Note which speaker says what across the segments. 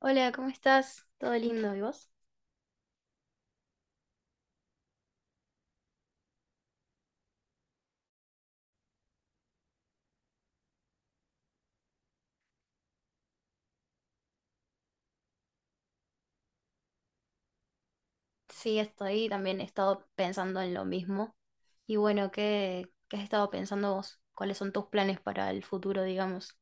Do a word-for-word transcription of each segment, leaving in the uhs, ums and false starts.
Speaker 1: Hola, ¿cómo estás? ¿Todo lindo? ¿Y vos? Sí, estoy también he estado pensando en lo mismo. Y bueno, ¿qué, qué has estado pensando vos? ¿Cuáles son tus planes para el futuro, digamos?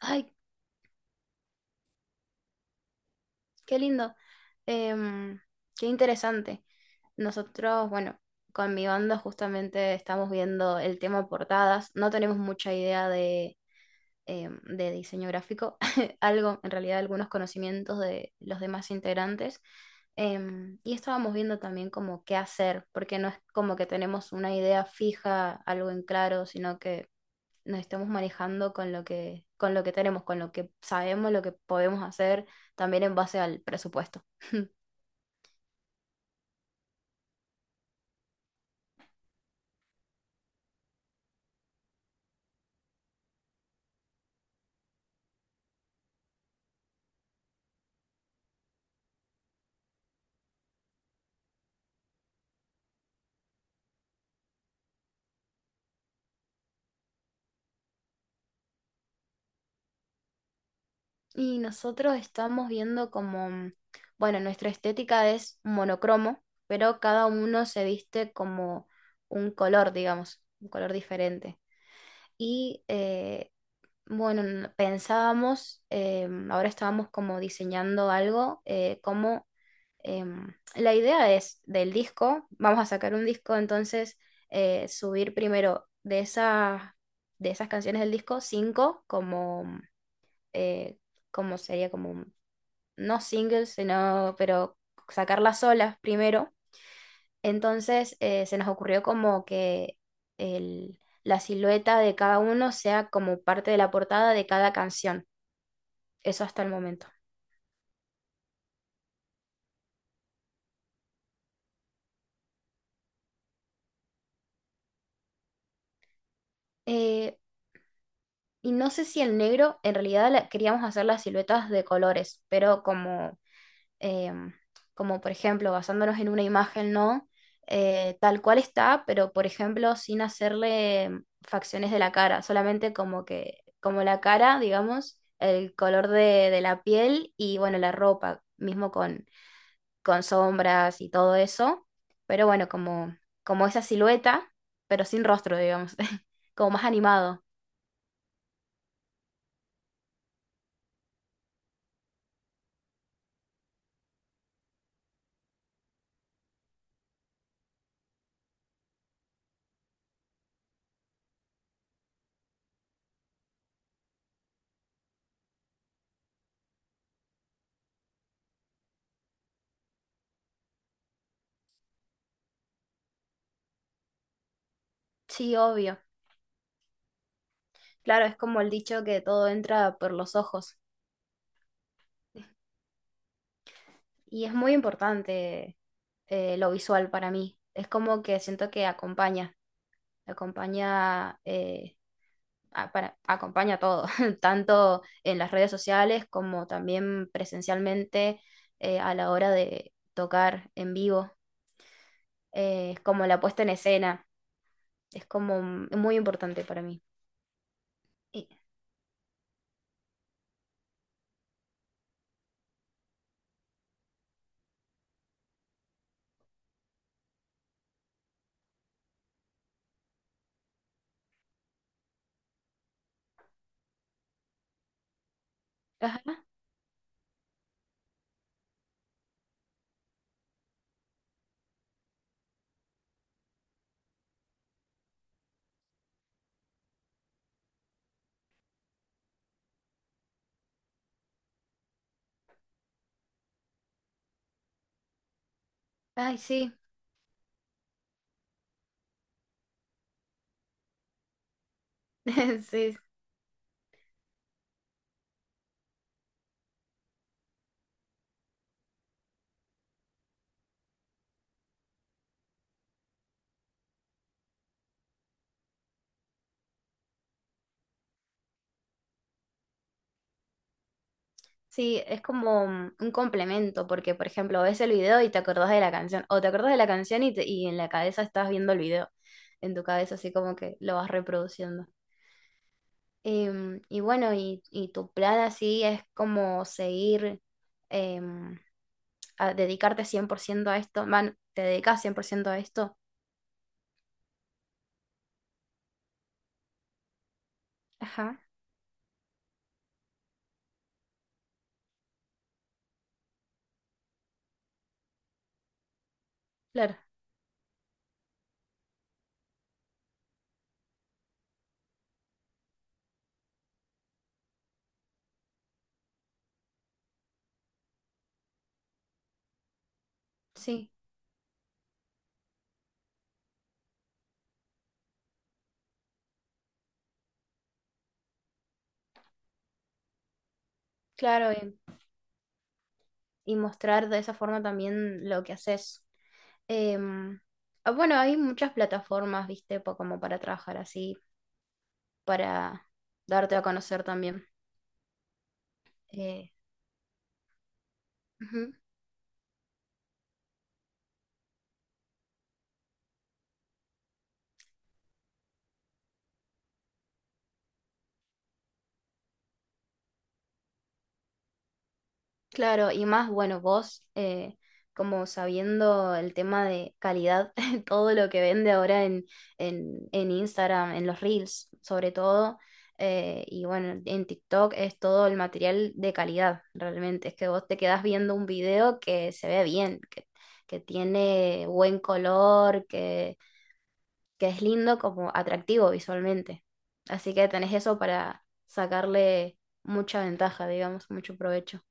Speaker 1: ¡Ay, qué lindo! Em, Qué interesante. Nosotros, bueno, con mi banda justamente estamos viendo el tema portadas. No tenemos mucha idea eh, de diseño gráfico, algo, en realidad algunos conocimientos de los demás integrantes. Em, y estábamos viendo también como qué hacer, porque no es como que tenemos una idea fija, algo en claro, sino que nos estamos manejando con lo que, con lo que tenemos, con lo que sabemos, lo que podemos hacer, también en base al presupuesto. Y nosotros estamos viendo como, mm, bueno, nuestra estética es monocromo, pero cada uno se viste como un color, digamos, un color diferente. Y eh, bueno, n- pensábamos, em, ahora estábamos como diseñando algo, eh, como em, la idea es del disco, vamos a sacar un disco, entonces eh, subir primero de esas, de esas canciones del disco, cinco como... mm, eh, como sería como no singles, sino, pero sacarlas solas primero. Entonces eh, se nos ocurrió como que el- la silueta de cada uno sea como parte de la portada de cada canción. Eso hasta el momento. Eh, y no sé si el negro, en realidad la- queríamos hacer las siluetas de colores, pero como eh, como por ejemplo basándonos en una imagen, ¿no? Eh, tal cual está, pero por ejemplo sin hacerle facciones de la cara, solamente como que, como la cara, digamos, el color de, de la piel y bueno, la ropa, mismo con, con sombras y todo eso, pero bueno, como, como esa silueta, pero sin rostro, digamos, como más animado. Sí, obvio. Claro, es como el dicho que todo entra por los ojos. Y es muy importante eh, lo visual para mí. Es como que siento que acompaña, acompaña, eh, a- para, acompaña todo, tanto en las redes sociales como también presencialmente eh, a la hora de tocar en vivo. Eh, es como la puesta en escena, es como mm, muy importante para mí. Y- ajá, ay, sí, sí. Sí, es como mm, un complemento, porque por ejemplo ves el video y te acordás de la canción, o te acordás de la canción y, te- y en la cabeza estás viendo el video, en tu cabeza así como que lo vas reproduciendo. Em, y bueno, y, y tu plan así es como seguir, em, a dedicarte cien por ciento a esto, man, te dedicas cien por ciento a esto. Ajá, claro, sí, claro. Y, y mostrar de esa forma también lo que haces. Em, ah, bueno, hay muchas plataformas, viste, po- como para trabajar así, para darte a conocer también. Eh, ujú. Claro, y más, bueno, vos, eh, como sabiendo el tema de calidad, todo lo que vende ahora en, en, en Instagram, en los Reels, sobre todo, eh, y bueno, en TikTok es todo el material de calidad, realmente. Es que vos te quedás viendo un video que se ve bien, que, que tiene buen color, que es lindo como atractivo visualmente. Así que tenés eso para sacarle mucha ventaja, digamos, mucho provecho.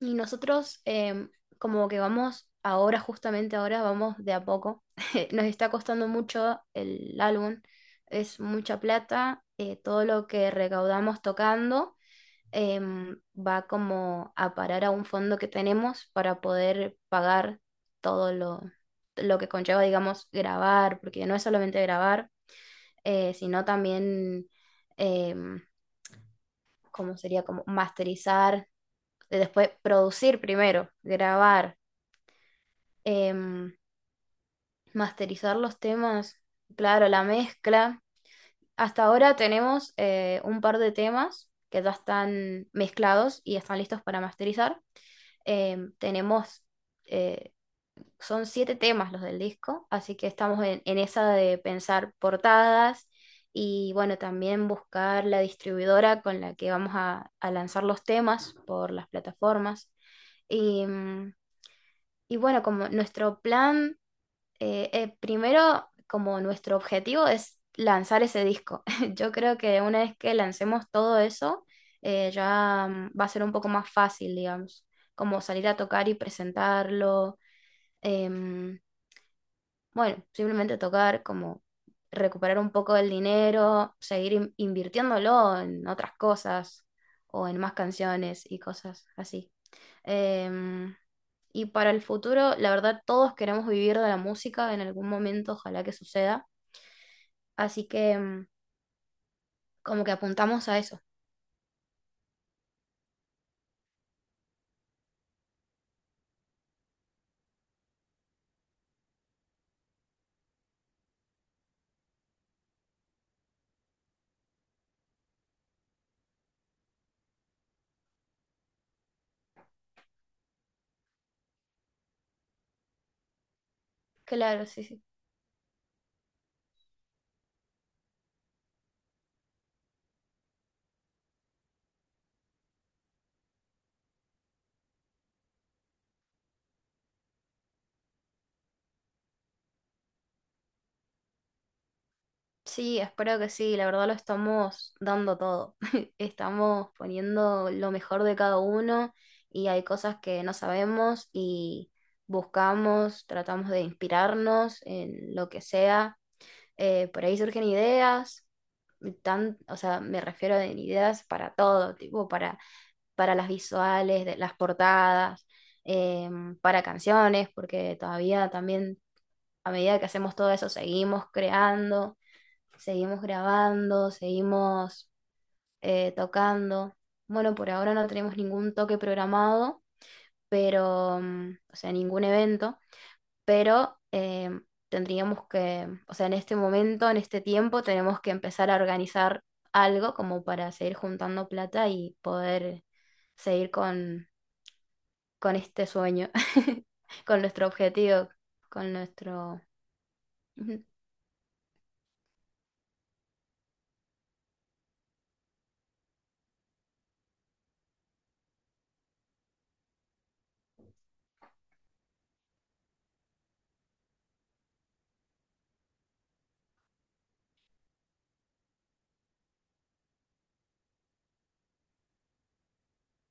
Speaker 1: Y nosotros em, como que vamos ahora, justamente ahora, vamos de a poco. Nos está costando mucho el álbum, es mucha plata, eh, todo lo que recaudamos tocando. Em, va como a parar a un fondo que tenemos para poder pagar todo lo, lo que conlleva, digamos, grabar, porque no es solamente grabar, eh, sino también, em, ¿cómo sería? Como masterizar, eh, después producir primero, grabar, em, masterizar los temas, claro, la mezcla. Hasta ahora tenemos eh, un par de temas que ya están mezclados y están listos para masterizar. Em, tenemos eh, son siete temas los del disco, así que estamos en, en esa de pensar portadas y bueno, también buscar la distribuidora con la que vamos a, a lanzar los temas por las plataformas. Y, mm, y bueno, como nuestro plan, eh, eh, primero como nuestro objetivo es lanzar ese disco. Yo creo que una vez que lancemos todo eso, eh, ya mm, va a ser un poco más fácil, digamos, como salir a tocar y presentarlo. em, bueno, simplemente tocar como recuperar un poco del dinero, seguir in- invirtiéndolo en otras cosas o en más canciones y cosas así. Em, y para el futuro, la verdad, todos queremos vivir de la música en algún momento, ojalá que suceda. Así que em, como que apuntamos a eso. Claro, sí, sí. Sí, espero que sí, la verdad lo estamos dando todo. Estamos poniendo lo mejor de cada uno y hay cosas que no sabemos y buscamos, tratamos de inspirarnos en lo que sea. Eh, por ahí surgen ideas, tan, o sea, me refiero en ideas para todo, tipo para, para las visuales, de, las portadas, em, para canciones, porque todavía también a medida que hacemos todo eso seguimos creando, seguimos grabando, seguimos eh, tocando. Bueno, por ahora no tenemos ningún toque programado, pero, mm, o sea, ningún evento, pero eh, tendríamos que, o sea, en este momento, en este tiempo, tenemos que empezar a organizar algo como para seguir juntando plata y poder seguir con, con este sueño, con nuestro objetivo, con nuestro...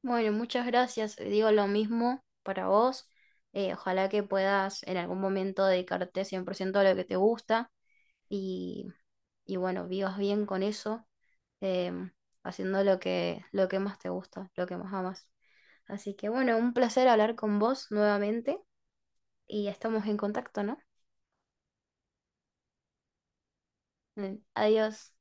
Speaker 1: Bueno, muchas gracias. Digo lo mismo para vos. Eh, ojalá que puedas en algún momento dedicarte cien por ciento a lo que te gusta y, y bueno, vivas bien con eso, em, haciendo lo que, lo que más te gusta, lo que más amas. Así que bueno, un placer hablar con vos nuevamente y estamos en contacto, ¿no? Eh, adiós.